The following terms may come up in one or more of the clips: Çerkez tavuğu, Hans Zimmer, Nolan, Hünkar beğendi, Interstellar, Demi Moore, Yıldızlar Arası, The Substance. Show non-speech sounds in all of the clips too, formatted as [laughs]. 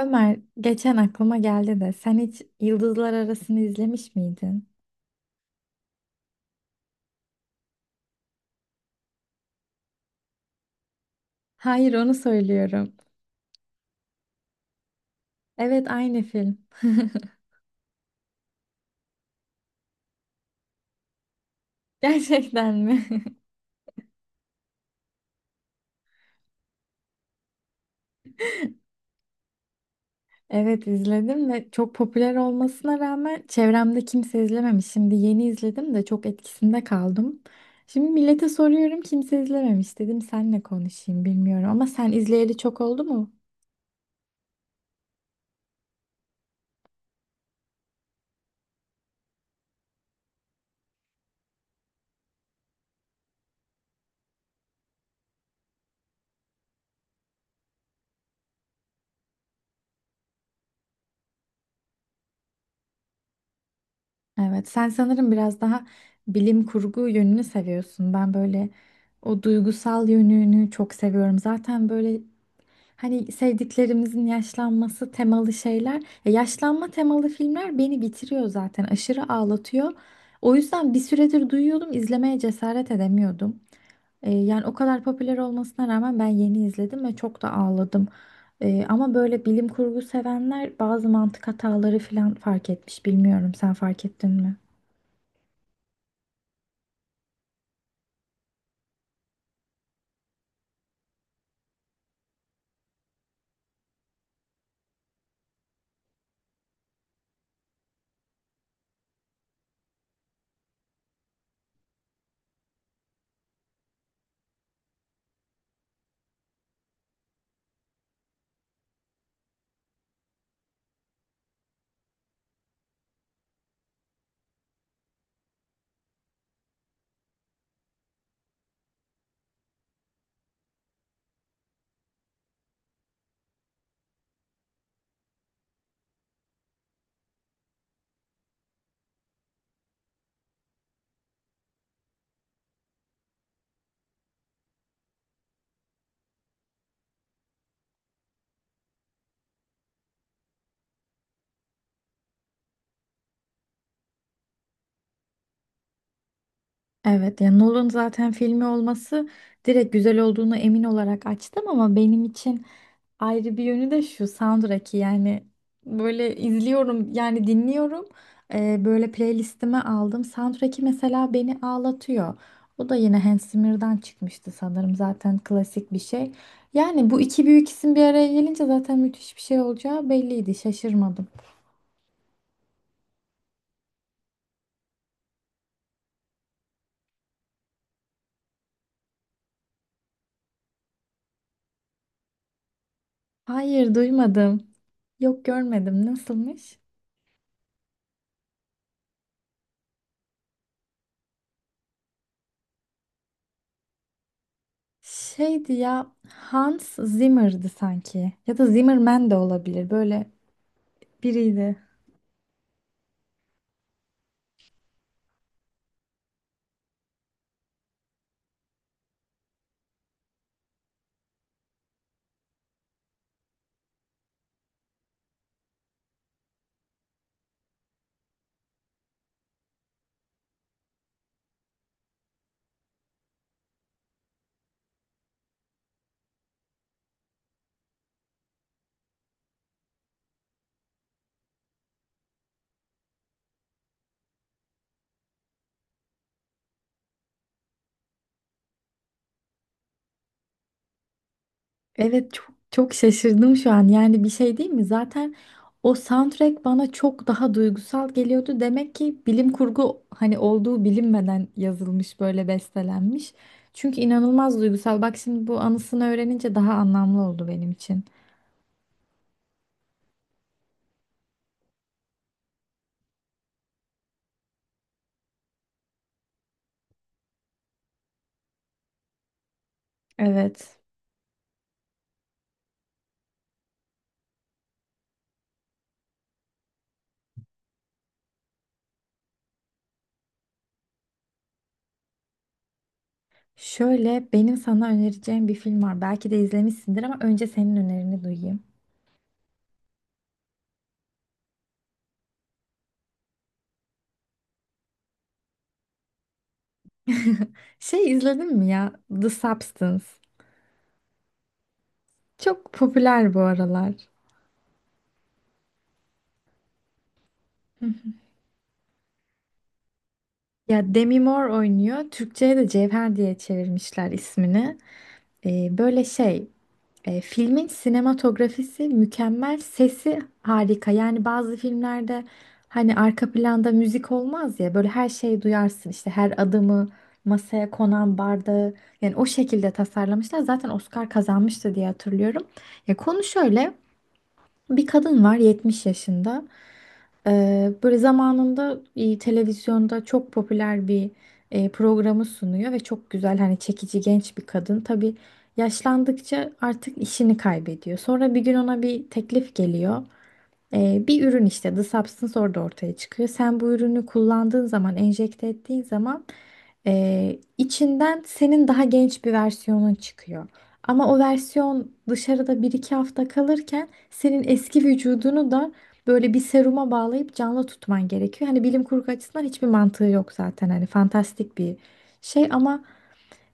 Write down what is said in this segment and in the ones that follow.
Ömer, geçen aklıma geldi de sen hiç Yıldızlar Arası'nı izlemiş miydin? Hayır, onu söylüyorum. Evet, aynı film. [laughs] Gerçekten mi? [laughs] Evet izledim ve çok popüler olmasına rağmen çevremde kimse izlememiş. Şimdi yeni izledim de çok etkisinde kaldım. Şimdi millete soruyorum, kimse izlememiş dedim, senle konuşayım bilmiyorum ama sen izleyeli çok oldu mu? Evet, sen sanırım biraz daha bilim kurgu yönünü seviyorsun. Ben böyle o duygusal yönünü çok seviyorum. Zaten böyle hani sevdiklerimizin yaşlanması temalı şeyler, ya yaşlanma temalı filmler beni bitiriyor zaten. Aşırı ağlatıyor. O yüzden bir süredir duyuyordum, izlemeye cesaret edemiyordum. Yani o kadar popüler olmasına rağmen ben yeni izledim ve çok da ağladım. Ama böyle bilim kurgu sevenler bazı mantık hataları falan fark etmiş. Bilmiyorum, sen fark ettin mi? Evet ya, Nolan zaten filmi olması direkt güzel olduğunu emin olarak açtım ama benim için ayrı bir yönü de şu soundtrack'i. Yani böyle izliyorum, yani dinliyorum. Böyle playlistime aldım soundtrack'i, mesela beni ağlatıyor. O da yine Hans Zimmer'dan çıkmıştı sanırım, zaten klasik bir şey. Yani bu iki büyük isim bir araya gelince zaten müthiş bir şey olacağı belliydi, şaşırmadım. Hayır, duymadım, yok görmedim, nasılmış? Şeydi ya, Hans Zimmer'dı sanki. Ya da Zimmerman de olabilir. Böyle biriydi. Evet, çok çok şaşırdım şu an. Yani bir şey değil mi? Zaten o soundtrack bana çok daha duygusal geliyordu. Demek ki bilim kurgu hani olduğu bilinmeden yazılmış, böyle bestelenmiş. Çünkü inanılmaz duygusal. Bak şimdi bu anısını öğrenince daha anlamlı oldu benim için. Evet. Şöyle, benim sana önereceğim bir film var. Belki de izlemişsindir ama önce senin önerini duyayım. [laughs] Şey, izledin mi ya? The Substance. Çok popüler bu aralar. Hı hı. Ya, Demi Moore oynuyor. Türkçe'ye de Cevher diye çevirmişler ismini. Böyle filmin sinematografisi mükemmel, sesi harika. Yani bazı filmlerde hani arka planda müzik olmaz ya, böyle her şeyi duyarsın. İşte her adımı, masaya konan bardağı. Yani o şekilde tasarlamışlar. Zaten Oscar kazanmıştı diye hatırlıyorum. Ya konu şöyle. Bir kadın var, 70 yaşında. Böyle zamanında televizyonda çok popüler bir programı sunuyor ve çok güzel, hani çekici, genç bir kadın. Tabii yaşlandıkça artık işini kaybediyor. Sonra bir gün ona bir teklif geliyor. Bir ürün, işte The Substance orada ortaya çıkıyor. Sen bu ürünü kullandığın zaman, enjekte ettiğin zaman içinden senin daha genç bir versiyonun çıkıyor. Ama o versiyon dışarıda bir iki hafta kalırken senin eski vücudunu da böyle bir seruma bağlayıp canlı tutman gerekiyor. Hani bilim kurgu açısından hiçbir mantığı yok zaten. Hani fantastik bir şey ama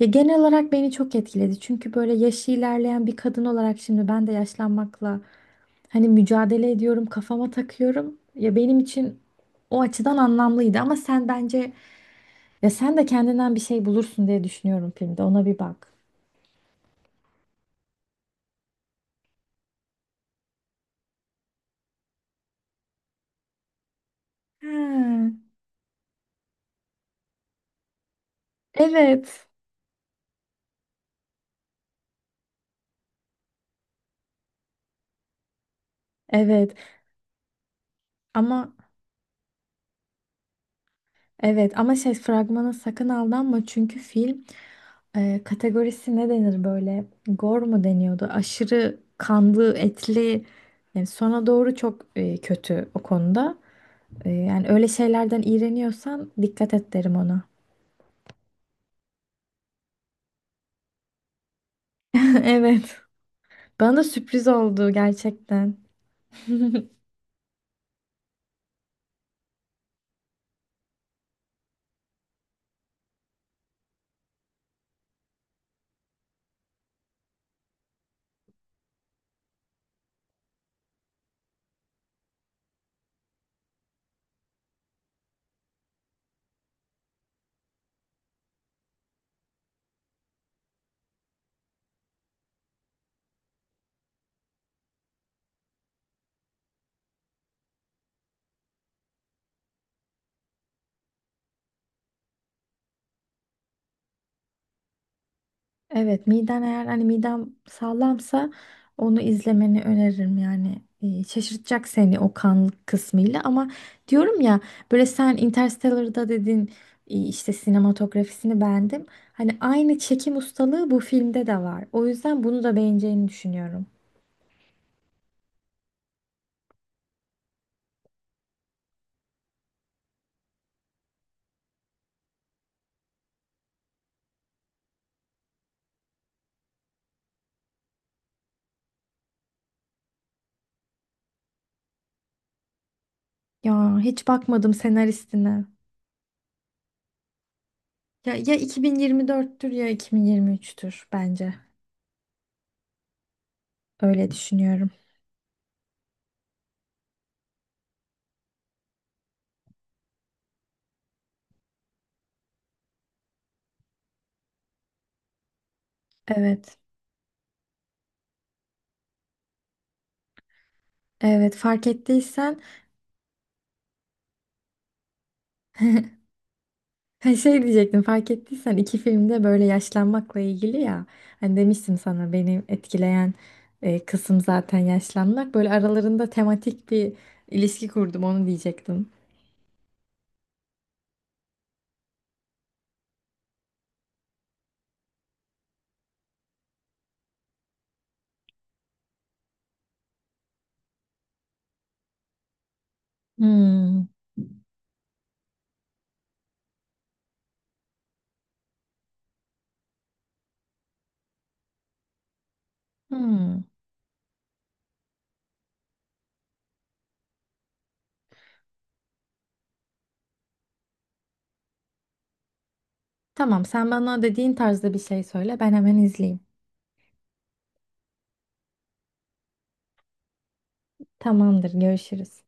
ya, genel olarak beni çok etkiledi. Çünkü böyle yaşı ilerleyen bir kadın olarak şimdi ben de yaşlanmakla hani mücadele ediyorum, kafama takıyorum. Ya benim için o açıdan anlamlıydı ama sen bence, ya sen de kendinden bir şey bulursun diye düşünüyorum filmde. Ona bir bak. Ha. Evet. Evet. Ama evet, ama şey, fragmana sakın aldanma çünkü film, kategorisi ne denir böyle? Gore mu deniyordu? Aşırı kanlı, etli. Yani sona doğru çok kötü o konuda. Yani öyle şeylerden iğreniyorsan dikkat et derim ona. [laughs] Evet. Bana da sürpriz oldu gerçekten. [laughs] Evet, miden, eğer hani midem sağlamsa onu izlemeni öneririm. Yani şaşırtacak seni o kan kısmıyla ama diyorum ya, böyle sen Interstellar'da dedin, işte sinematografisini beğendim. Hani aynı çekim ustalığı bu filmde de var. O yüzden bunu da beğeneceğini düşünüyorum. Ya hiç bakmadım senaristine. Ya ya 2024'tür ya 2023'tür bence. Öyle düşünüyorum. Evet. Evet, fark ettiysen, ha, şey diyecektim, fark ettiysen iki filmde böyle yaşlanmakla ilgili ya. Hani demiştim sana benim etkileyen kısım zaten yaşlanmak. Böyle aralarında tematik bir ilişki kurdum, onu diyecektim. Hmm, hmm. Tamam, sen bana dediğin tarzda bir şey söyle, ben hemen izleyeyim. Tamamdır, görüşürüz.